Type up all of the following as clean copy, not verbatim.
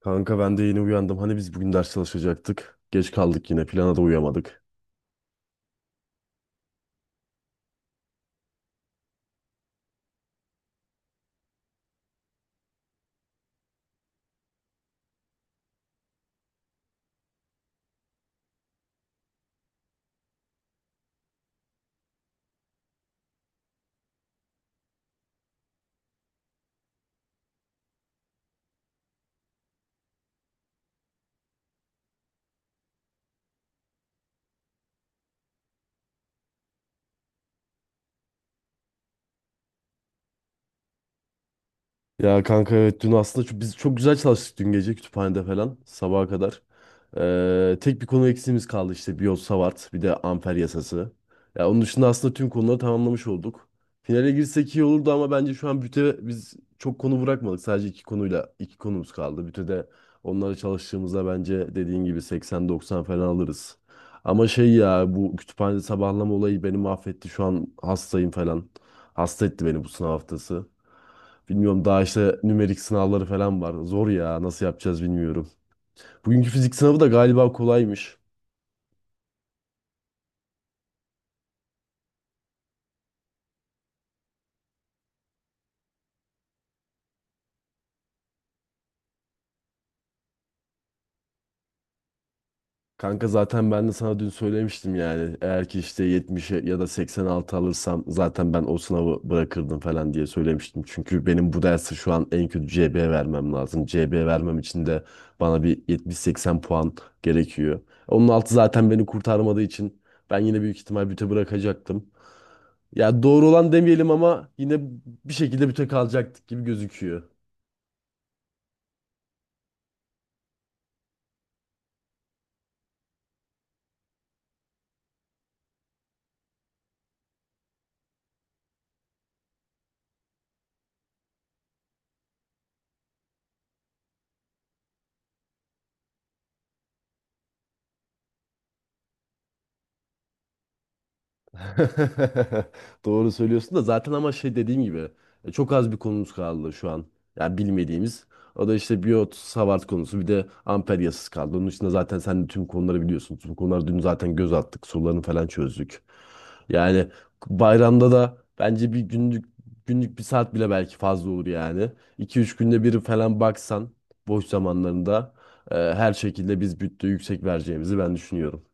Kanka ben de yeni uyandım. Hani biz bugün ders çalışacaktık. Geç kaldık yine. Plana da uyamadık. Ya kanka evet dün aslında çok, biz çok güzel çalıştık dün gece kütüphanede falan sabaha kadar. Tek bir konu eksiğimiz kaldı işte Biot-Savart bir de amper yasası. Ya onun dışında aslında tüm konuları tamamlamış olduk. Finale girsek iyi olurdu ama bence şu an büte biz çok konu bırakmadık. Sadece iki konuyla iki konumuz kaldı. Bütede onlara çalıştığımızda bence dediğin gibi 80-90 falan alırız. Ama şey ya bu kütüphanede sabahlama olayı beni mahvetti. Şu an hastayım falan. Hasta etti beni bu sınav haftası. Bilmiyorum daha işte nümerik sınavları falan var. Zor ya nasıl yapacağız bilmiyorum. Bugünkü fizik sınavı da galiba kolaymış. Kanka zaten ben de sana dün söylemiştim yani. Eğer ki işte 70'e ya da 86 alırsam zaten ben o sınavı bırakırdım falan diye söylemiştim. Çünkü benim bu dersi şu an en kötü CB vermem lazım. CB vermem için de bana bir 70-80 puan gerekiyor. Onun altı zaten beni kurtarmadığı için ben yine büyük ihtimal büte bırakacaktım. Ya doğru olan demeyelim ama yine bir şekilde büte kalacaktık gibi gözüküyor. Doğru söylüyorsun da zaten ama şey dediğim gibi çok az bir konumuz kaldı şu an. Yani bilmediğimiz. O da işte biyot, Savart konusu bir de amper yasası kaldı. Onun için zaten sen de tüm konuları biliyorsun. Tüm konuları dün zaten göz attık. Sorularını falan çözdük. Yani bayramda da bence bir günlük günlük bir saat bile belki fazla olur yani. İki üç günde bir falan baksan boş zamanlarında her şekilde biz bütte yüksek vereceğimizi ben düşünüyorum.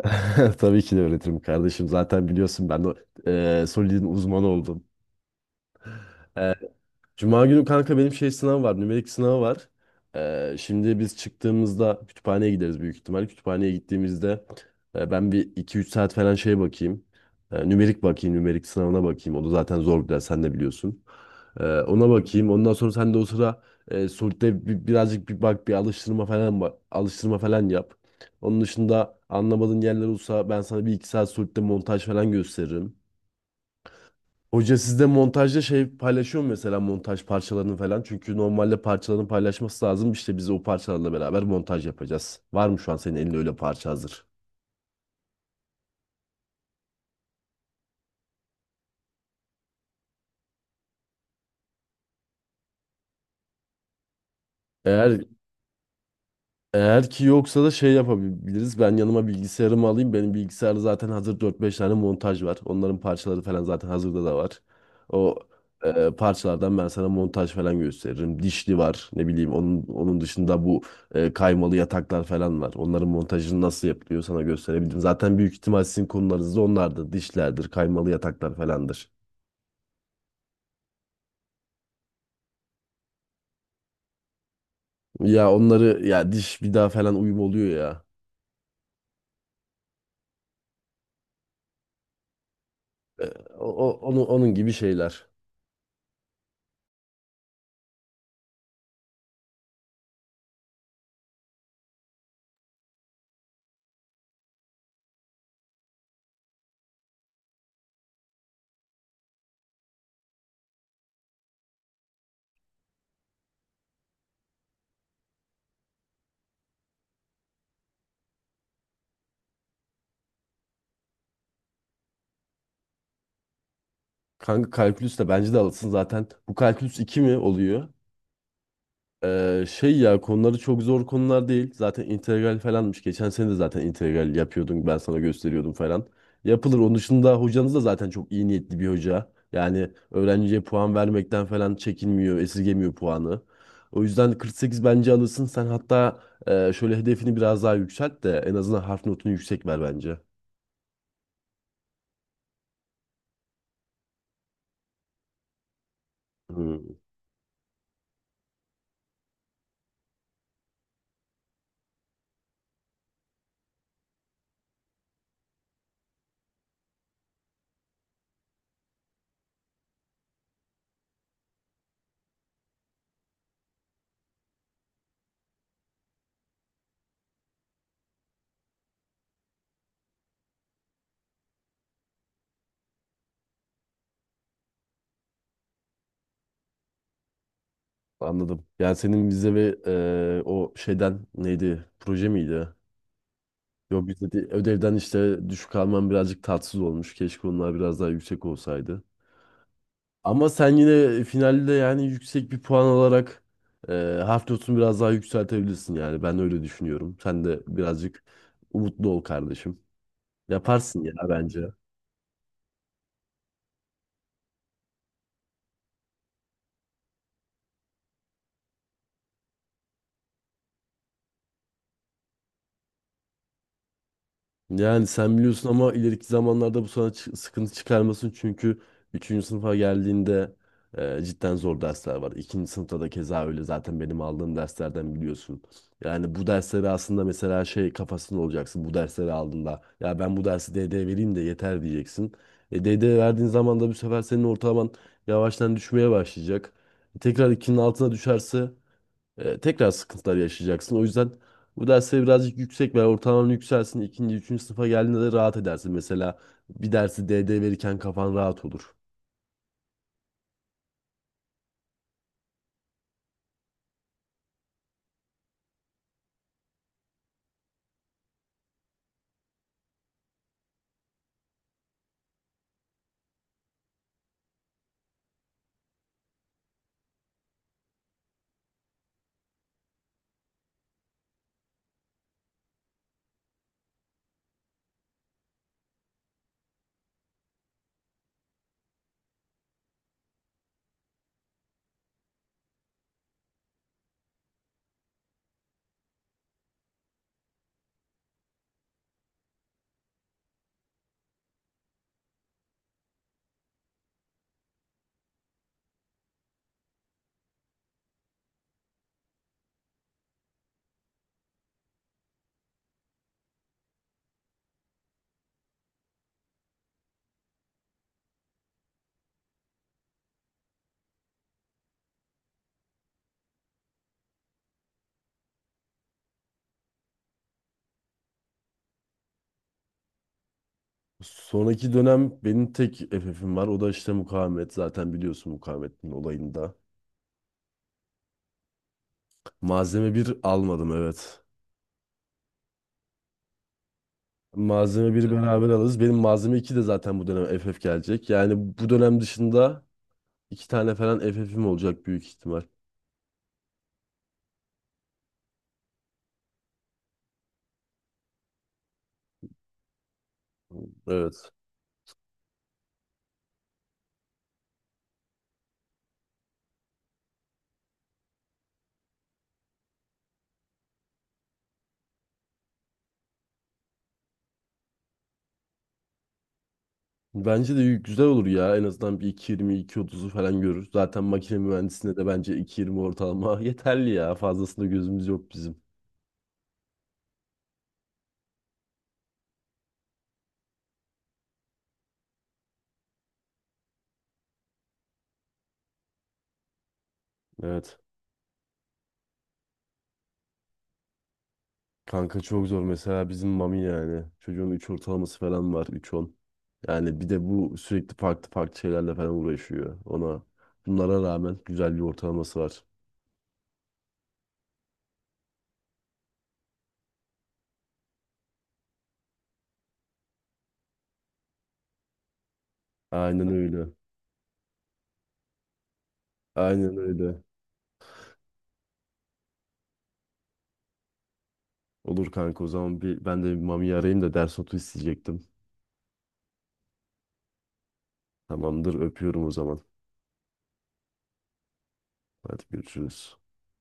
Tabii ki de öğretirim kardeşim. Zaten biliyorsun ben de Solid'in uzmanı oldum. Cuma günü kanka benim şey sınav var. Nümerik sınavı var. Şimdi biz çıktığımızda kütüphaneye gideriz büyük ihtimal. Kütüphaneye gittiğimizde ben bir iki üç saat falan şey bakayım. Nümerik bakayım. Nümerik sınavına bakayım. O da zaten zor bir ders. Sen de biliyorsun. Ona bakayım. Ondan sonra sen de o sıra Solid'de birazcık bir bak bir alıştırma falan alıştırma falan yap. Onun dışında anlamadığın yerler olsa ben sana bir iki saat Solid'de montaj falan gösteririm. Hoca sizde montajda şey paylaşıyor mu mesela montaj parçalarını falan? Çünkü normalde parçalarını paylaşması lazım. İşte biz o parçalarla beraber montaj yapacağız. Var mı şu an senin elinde öyle parça hazır? Eğer Eğer ki yoksa da şey yapabiliriz. Ben yanıma bilgisayarımı alayım. Benim bilgisayarda zaten hazır dört 5 tane montaj var. Onların parçaları falan zaten hazırda da var. O Parçalardan ben sana montaj falan gösteririm. Dişli var ne bileyim. Onun, onun dışında bu kaymalı yataklar falan var. Onların montajını nasıl yapılıyor sana gösterebilirim. Zaten büyük ihtimal sizin konularınız da onlardır. Dişlerdir, kaymalı yataklar falandır. Ya onları ya diş vida falan uyum oluyor ya. E, onun gibi şeyler. Kanka kalkülüs de bence de alırsın zaten. Bu kalkülüs 2 mi oluyor? Şey ya konuları çok zor konular değil. Zaten integral falanmış. Geçen sene de zaten integral yapıyordun. Ben sana gösteriyordum falan. Yapılır. Onun dışında hocanız da zaten çok iyi niyetli bir hoca. Yani öğrenciye puan vermekten falan çekinmiyor, esirgemiyor puanı. O yüzden 48 bence alırsın. Sen hatta şöyle hedefini biraz daha yükselt de en azından harf notunu yüksek ver bence. Hı. Anladım. Yani senin vize ve o şeyden neydi? Proje miydi? Yok vize değil, ödevden işte düşük alman birazcık tatsız olmuş. Keşke onlar biraz daha yüksek olsaydı. Ama sen yine finalde yani yüksek bir puan alarak eee harf notunu biraz daha yükseltebilirsin yani. Ben öyle düşünüyorum. Sen de birazcık umutlu ol kardeşim. Yaparsın ya bence. Yani sen biliyorsun ama ileriki zamanlarda bu sana sıkıntı çıkarmasın çünkü üçüncü sınıfa geldiğinde cidden zor dersler var. 2. sınıfta da keza öyle zaten benim aldığım derslerden biliyorsun. Yani bu dersleri aslında mesela şey kafasında olacaksın bu dersleri aldığında ya ben bu dersi DD vereyim de yeter diyeceksin. DD verdiğin zaman da bu sefer senin ortalaman yavaştan düşmeye başlayacak. Tekrar 2'nin altına düşerse tekrar sıkıntılar yaşayacaksın. O yüzden bu dersleri birazcık yüksek ver. Ortalaman yükselsin. İkinci, üçüncü sınıfa geldiğinde de rahat edersin. Mesela bir dersi DD verirken kafan rahat olur. Sonraki dönem benim tek FF'im var. O da işte mukavemet. Zaten biliyorsun mukavemetin olayında. Malzeme bir almadım evet. Malzeme bir evet, beraber alırız. Benim malzeme 2 de zaten bu dönem FF gelecek. Yani bu dönem dışında iki tane falan FF'im olacak büyük ihtimal. Evet. Bence de güzel olur ya. En azından bir iki yirmi iki 2.30'u falan görür. Zaten makine mühendisliğinde de bence 2.20 ortalama yeterli ya. Fazlasında gözümüz yok bizim. Evet. Kanka çok zor. Mesela bizim Mami yani. Çocuğun 3 ortalaması falan var. 3.10. Yani bir de bu sürekli farklı farklı şeylerle falan uğraşıyor. Ona bunlara rağmen güzel bir ortalaması var. Aynen öyle. Aynen öyle. Olur kanka o zaman bir, ben de bir Mami'yi arayayım da ders notu isteyecektim. Tamamdır, öpüyorum o zaman. Hadi görüşürüz.